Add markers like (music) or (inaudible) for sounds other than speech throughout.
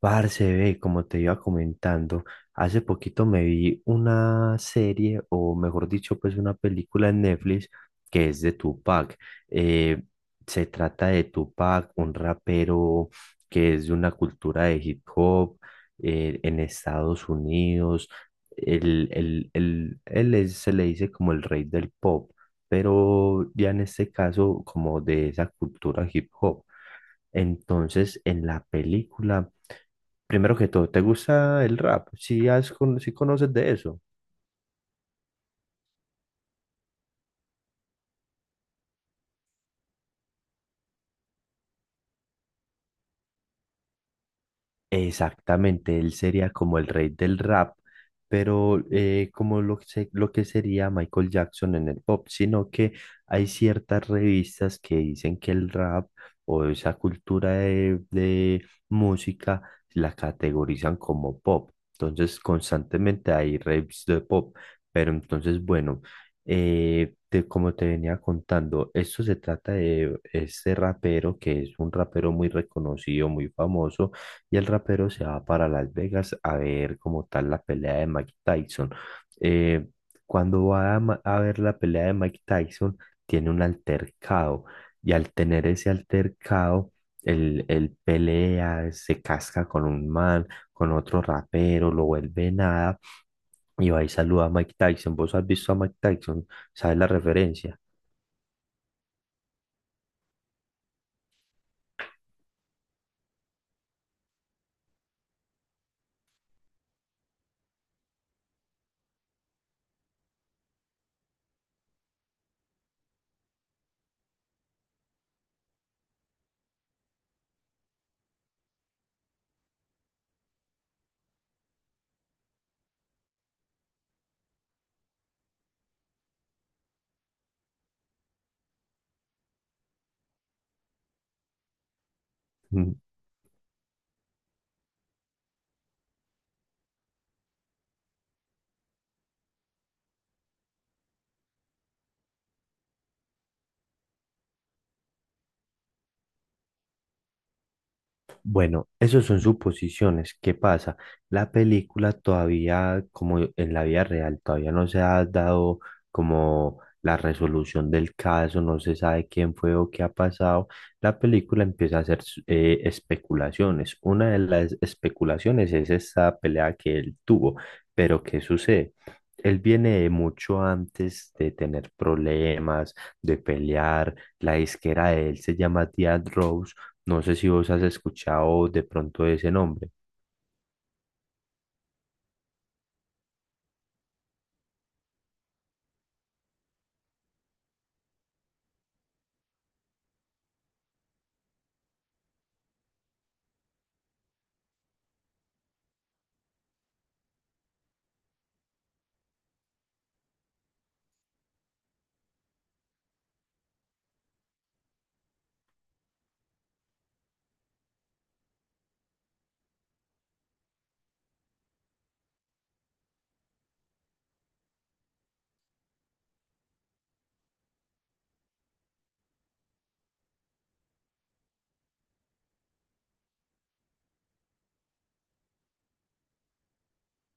Parce, ve, como te iba comentando, hace poquito me vi una serie, o mejor dicho, pues una película en Netflix que es de Tupac. Eh, Se trata de Tupac, un rapero que es de una cultura de hip hop en Estados Unidos. Se le dice como el rey del pop, pero ya en este caso como de esa cultura hip hop. Entonces, en la película, primero que todo, ¿te gusta el rap? Si has, con- ¿Sí conoces de eso? Exactamente, él sería como el rey del rap, pero como lo que sería Michael Jackson en el pop, sino que hay ciertas revistas que dicen que el rap o esa cultura de música la categorizan como pop. Entonces, constantemente hay raps de pop, pero entonces, bueno, como te venía contando, esto se trata de este rapero que es un rapero muy reconocido, muy famoso, y el rapero se va para Las Vegas a ver como tal la pelea de Mike Tyson. Eh, Cuando va a ver la pelea de Mike Tyson, tiene un altercado, y al tener ese altercado, el pelea, se casca con un man, con otro rapero, lo vuelve nada, y va y saluda a Mike Tyson. ¿Vos has visto a Mike Tyson? ¿Sabes la referencia? (laughs) Bueno, eso son suposiciones. ¿Qué pasa? La película todavía, como en la vida real, todavía no se ha dado como la resolución del caso, no se sabe quién fue o qué ha pasado. La película empieza a hacer especulaciones. Una de las especulaciones es esa pelea que él tuvo. Pero ¿qué sucede? Él viene de mucho antes de tener problemas, de pelear. La disquera de él se llama Dead Rose. No sé si vos has escuchado de pronto ese nombre.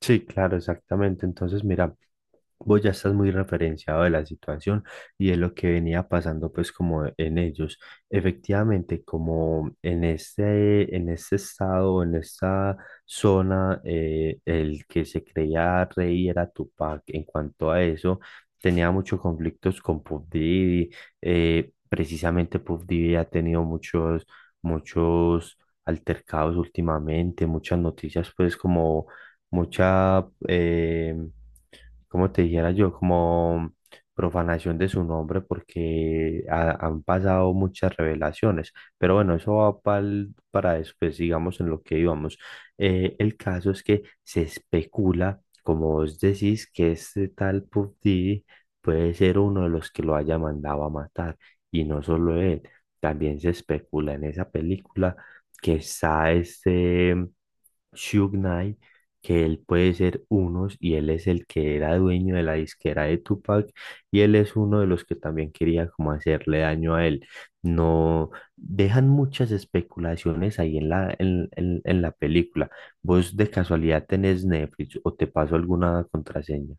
Sí, claro, exactamente. Entonces, mira, vos ya estás muy referenciado de la situación y de lo que venía pasando, pues, como en ellos. Efectivamente, como en este estado, en esta zona, el que se creía rey era Tupac. En cuanto a eso, tenía muchos conflictos con Puff Diddy. Precisamente, Puff Diddy ha tenido muchos altercados últimamente, muchas noticias, pues, como mucha, como te dijera yo, como profanación de su nombre porque han pasado muchas revelaciones. Pero bueno, eso va para después, digamos, en lo que íbamos. El caso es que se especula, como vos decís, que este tal Puff Diddy puede ser uno de los que lo haya mandado a matar. Y no solo él, también se especula en esa película que está este... Suge Knight, que él puede ser unos, y él es el que era dueño de la disquera de Tupac, y él es uno de los que también quería como hacerle daño a él. No dejan muchas especulaciones ahí en la película. ¿Vos de casualidad tenés Netflix o te paso alguna contraseña?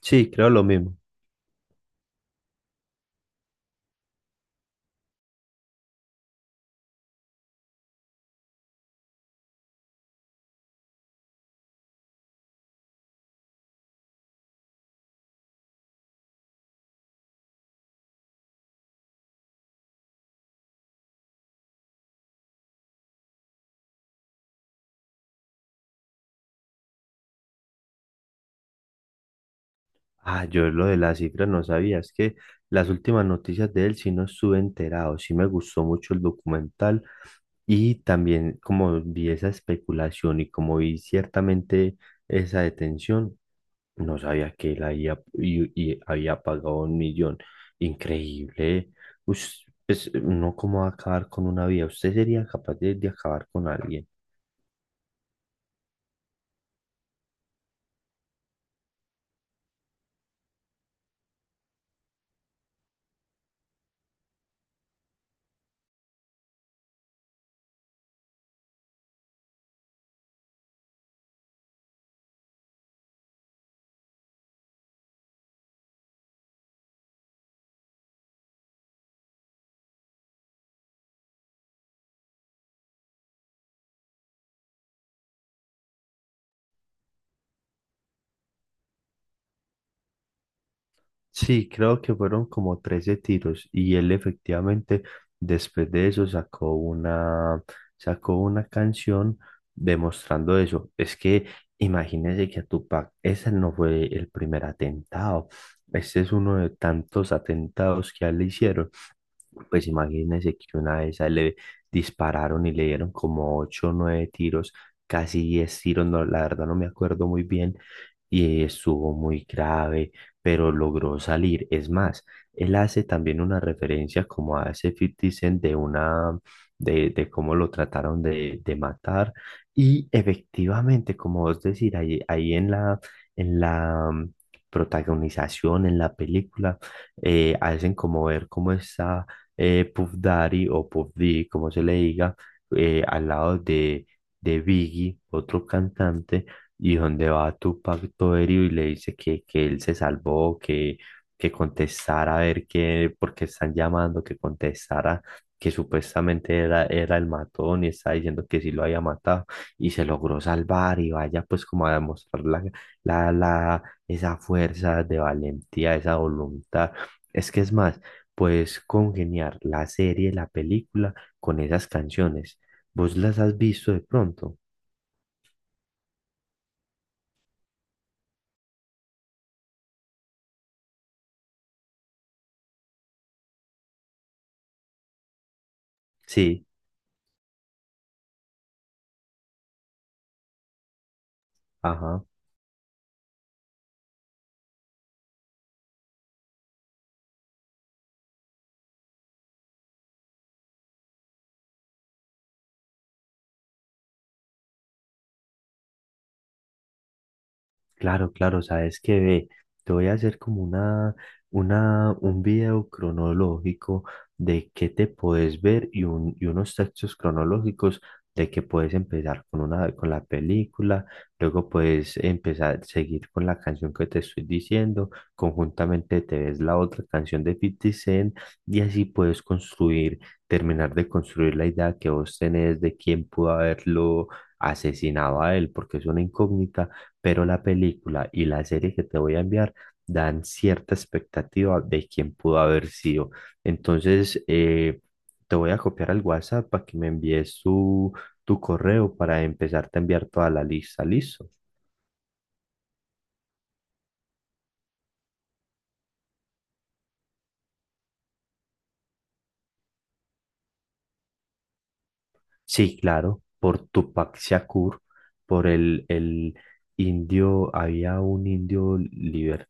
Sí, creo lo mismo. Ah, yo lo de las cifras no sabía, es que las últimas noticias de él sí no estuve enterado, sí me gustó mucho el documental. Y también como vi esa especulación y como vi ciertamente esa detención, no sabía que él había, y había pagado un millón. Increíble. Ush, pues, no cómo va a acabar con una vida. ¿Usted sería capaz de acabar con alguien? Sí, creo que fueron como 13 tiros, y él efectivamente después de eso sacó una canción demostrando eso. Es que imagínese que a Tupac ese no fue el primer atentado. Este es uno de tantos atentados que a él le hicieron, pues imagínense que una vez a él le dispararon y le dieron como ocho o nueve tiros, casi 10 tiros, no, la verdad no me acuerdo muy bien, y estuvo muy grave, pero logró salir. Es más, él hace también una referencia como a ese 50 Cent de una, de cómo lo trataron de matar, y efectivamente, como vos decís, ahí en la protagonización, en la película, hacen como ver cómo está Puff Daddy o Puff D, como se le diga, al lado de Biggie, otro cantante, y donde va Tupac todo herido y le dice que él se salvó, que contestara a ver qué, por qué están llamando, que contestara, que supuestamente era, era el matón y está diciendo que sí lo había matado, y se logró salvar, y vaya pues como a demostrar esa fuerza de valentía, esa voluntad. Es que es más, puedes congeniar la serie, la película con esas canciones. ¿Vos las has visto de pronto? Sí, ajá. Claro, claro, sabes que ve, te voy a hacer como un video cronológico de qué te puedes ver, y unos textos cronológicos de que puedes empezar con una, con la película, luego puedes empezar, seguir con la canción que te estoy diciendo, conjuntamente te ves la otra canción de 50 Cent, y así puedes construir, terminar de construir la idea que vos tenés de quién pudo haberlo asesinado a él, porque es una incógnita, pero la película y la serie que te voy a enviar dan cierta expectativa de quién pudo haber sido. Entonces, te voy a copiar al WhatsApp para que me envíes tu correo para empezarte a enviar toda la lista. ¿Listo? Sí, claro, por Tupac Shakur, por el indio, había un indio libertad,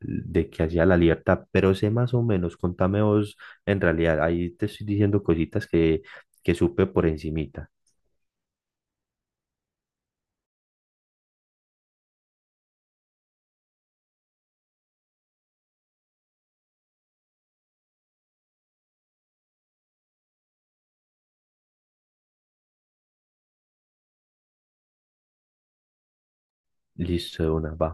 de que hacía la libertad, pero sé más o menos, contame vos, en realidad, ahí te estoy diciendo cositas que supe por encimita. Listo, de una, va.